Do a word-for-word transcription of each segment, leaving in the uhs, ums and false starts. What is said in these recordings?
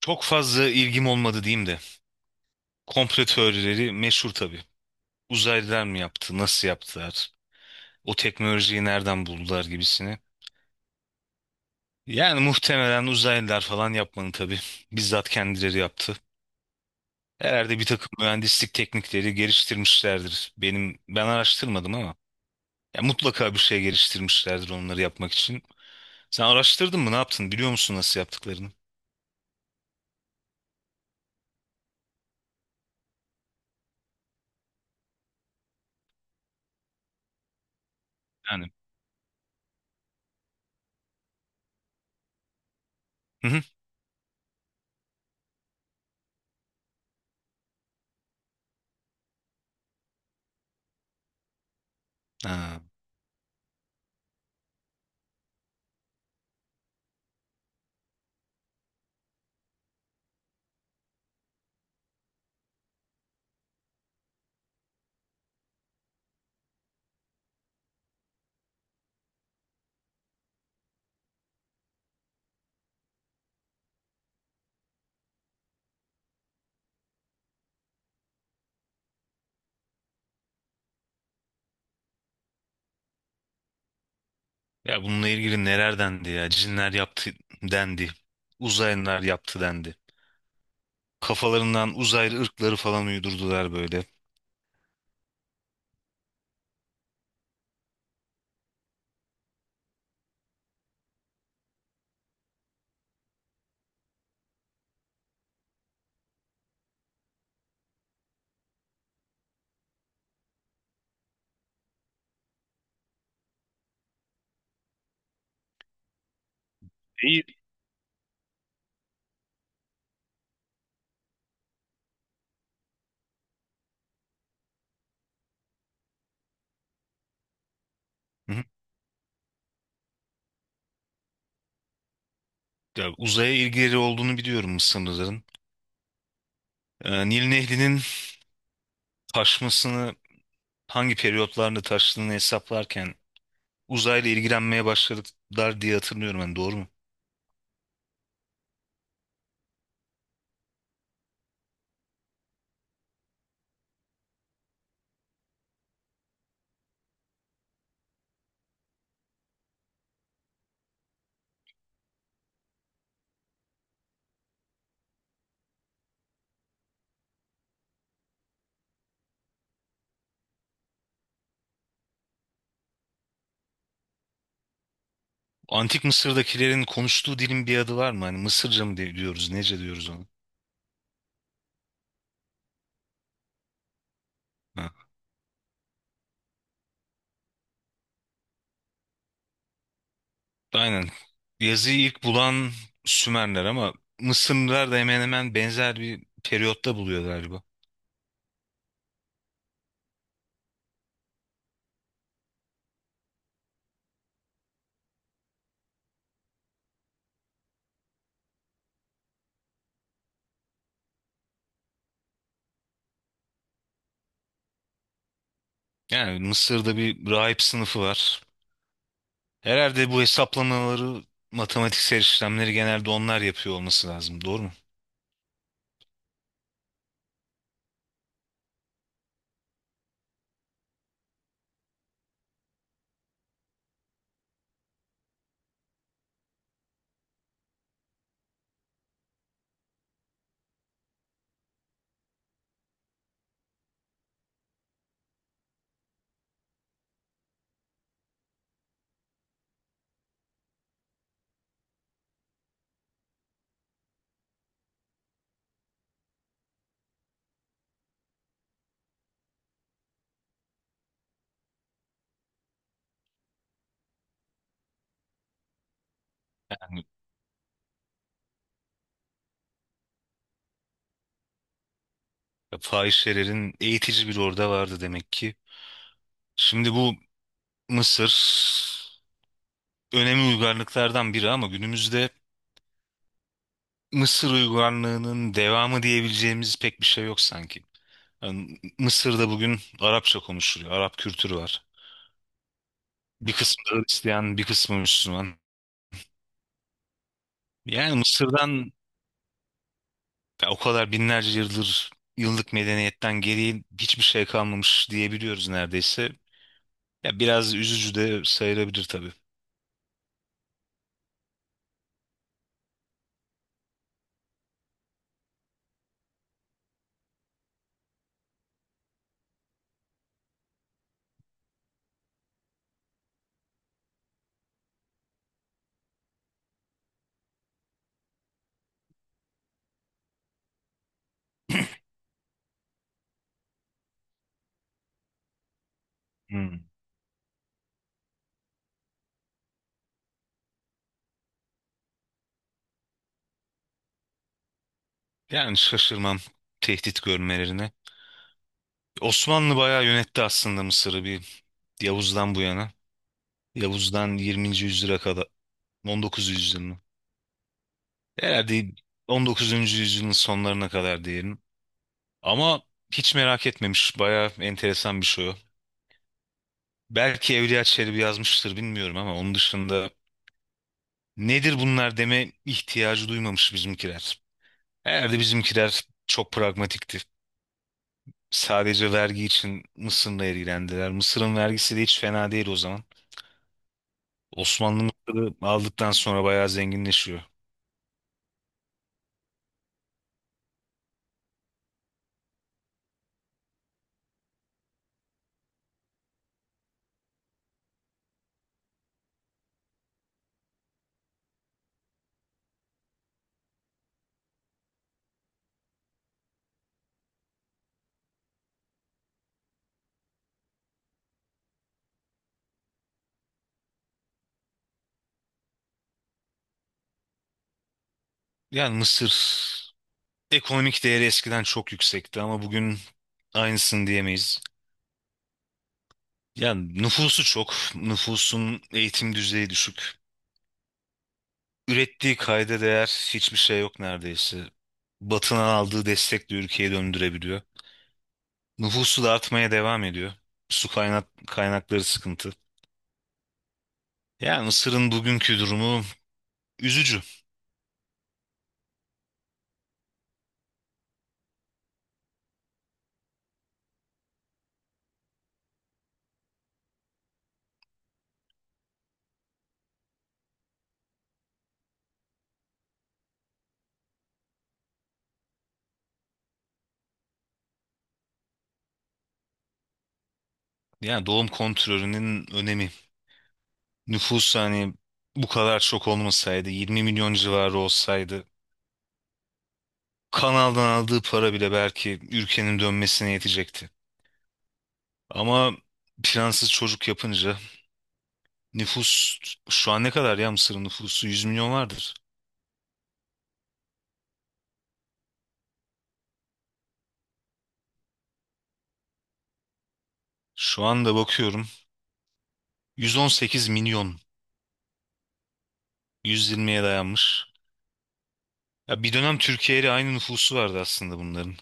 Çok fazla ilgim olmadı diyeyim de. Komplo teorileri meşhur tabii. Uzaylılar mı yaptı, nasıl yaptılar, o teknolojiyi nereden buldular gibisini. Yani muhtemelen uzaylılar falan yapmadı tabii. Bizzat kendileri yaptı. Herhalde bir takım mühendislik teknikleri geliştirmişlerdir. Benim ben araştırmadım ama ya mutlaka bir şey geliştirmişlerdir onları yapmak için. Sen araştırdın mı? Ne yaptın? Biliyor musun nasıl yaptıklarını? Yani. Hı hı. Ha. Ya bununla ilgili neler dendi ya? Cinler yaptı dendi. Uzaylılar yaptı dendi. Kafalarından uzaylı ırkları falan uydurdular böyle. İyi. Hı hı. Ya uzaya ilgileri olduğunu biliyorum Mısırlıların. Ee, Nil Nehri'nin taşmasını hangi periyotlarla taştığını hesaplarken uzayla ilgilenmeye başladılar diye hatırlıyorum ben, doğru mu? Antik Mısır'dakilerin konuştuğu dilin bir adı var mı? Hani Mısırca mı diye- diyoruz, nece diyoruz onu? Aynen. Yazıyı ilk bulan Sümerler ama Mısırlılar da hemen hemen benzer bir periyotta buluyor galiba. Yani Mısır'da bir rahip sınıfı var. Herhalde bu hesaplamaları, matematiksel işlemleri genelde onlar yapıyor olması lazım. Doğru mu? Yani fahişelerin eğitici bir orada vardı demek ki. Şimdi bu Mısır önemli uygarlıklardan biri ama günümüzde Mısır uygarlığının devamı diyebileceğimiz pek bir şey yok sanki. Yani Mısır'da bugün Arapça konuşuluyor. Arap kültürü var. Bir kısmı Hristiyan, bir kısmı Müslüman. Yani Mısır'dan ya o kadar binlerce yıldır yıllık medeniyetten geriye hiçbir şey kalmamış diyebiliyoruz neredeyse. Ya biraz üzücü de sayılabilir tabii. Hmm. Yani şaşırmam tehdit görmelerine. Osmanlı bayağı yönetti aslında Mısır'ı, bir Yavuz'dan bu yana. Yavuz'dan yirminci yüzyıla kadar, on dokuzuncu yüzyılın. Herhalde on dokuzuncu yüzyılın sonlarına kadar diyelim. Ama hiç merak etmemiş. Bayağı enteresan bir şey o. Belki Evliya Çelebi yazmıştır, bilmiyorum, ama onun dışında nedir bunlar deme ihtiyacı duymamış bizimkiler. Herhalde bizimkiler çok pragmatikti. Sadece vergi için Mısır'la ilgilendiler. Mısır'ın vergisi de hiç fena değil o zaman. Osmanlı Mısır'ı aldıktan sonra bayağı zenginleşiyor. Yani Mısır ekonomik değeri eskiden çok yüksekti ama bugün aynısını diyemeyiz. Yani nüfusu çok, nüfusun eğitim düzeyi düşük. Ürettiği kayda değer hiçbir şey yok neredeyse. Batı'nın aldığı destekle ülkeyi döndürebiliyor. Nüfusu da artmaya devam ediyor. Su kaynak kaynakları sıkıntı. Yani Mısır'ın bugünkü durumu üzücü. Yani doğum kontrolünün önemi. Nüfus hani bu kadar çok olmasaydı, yirmi milyon civarı olsaydı, kanaldan aldığı para bile belki ülkenin dönmesine yetecekti. Ama plansız çocuk yapınca nüfus şu an ne kadar, ya Mısır'ın nüfusu yüz milyon vardır. Şu anda bakıyorum, yüz on sekiz milyon, yüz yirmiye dayanmış. Ya bir dönem Türkiye ile aynı nüfusu vardı aslında bunların.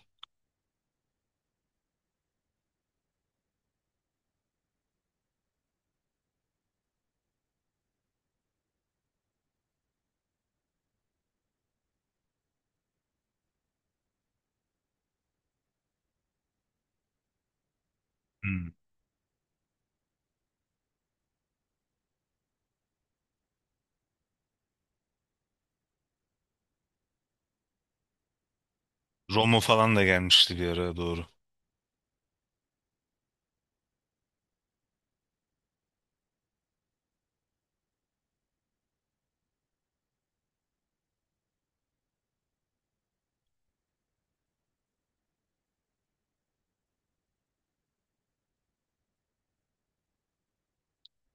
Hmm. Roma falan da gelmişti bir ara, doğru.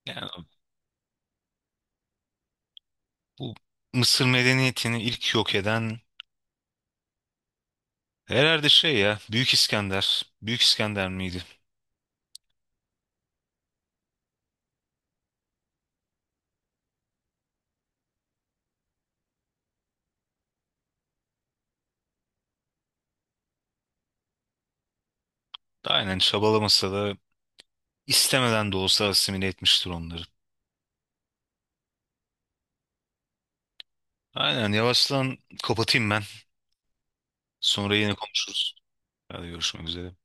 Yani bu Mısır medeniyetini ilk yok eden herhalde şey, ya Büyük İskender. Büyük İskender miydi? Aynen, çabalamasa da istemeden de olsa asimile etmiştir onları. Aynen, yavaştan kapatayım ben. Sonra yine konuşuruz. Hadi, görüşmek üzere.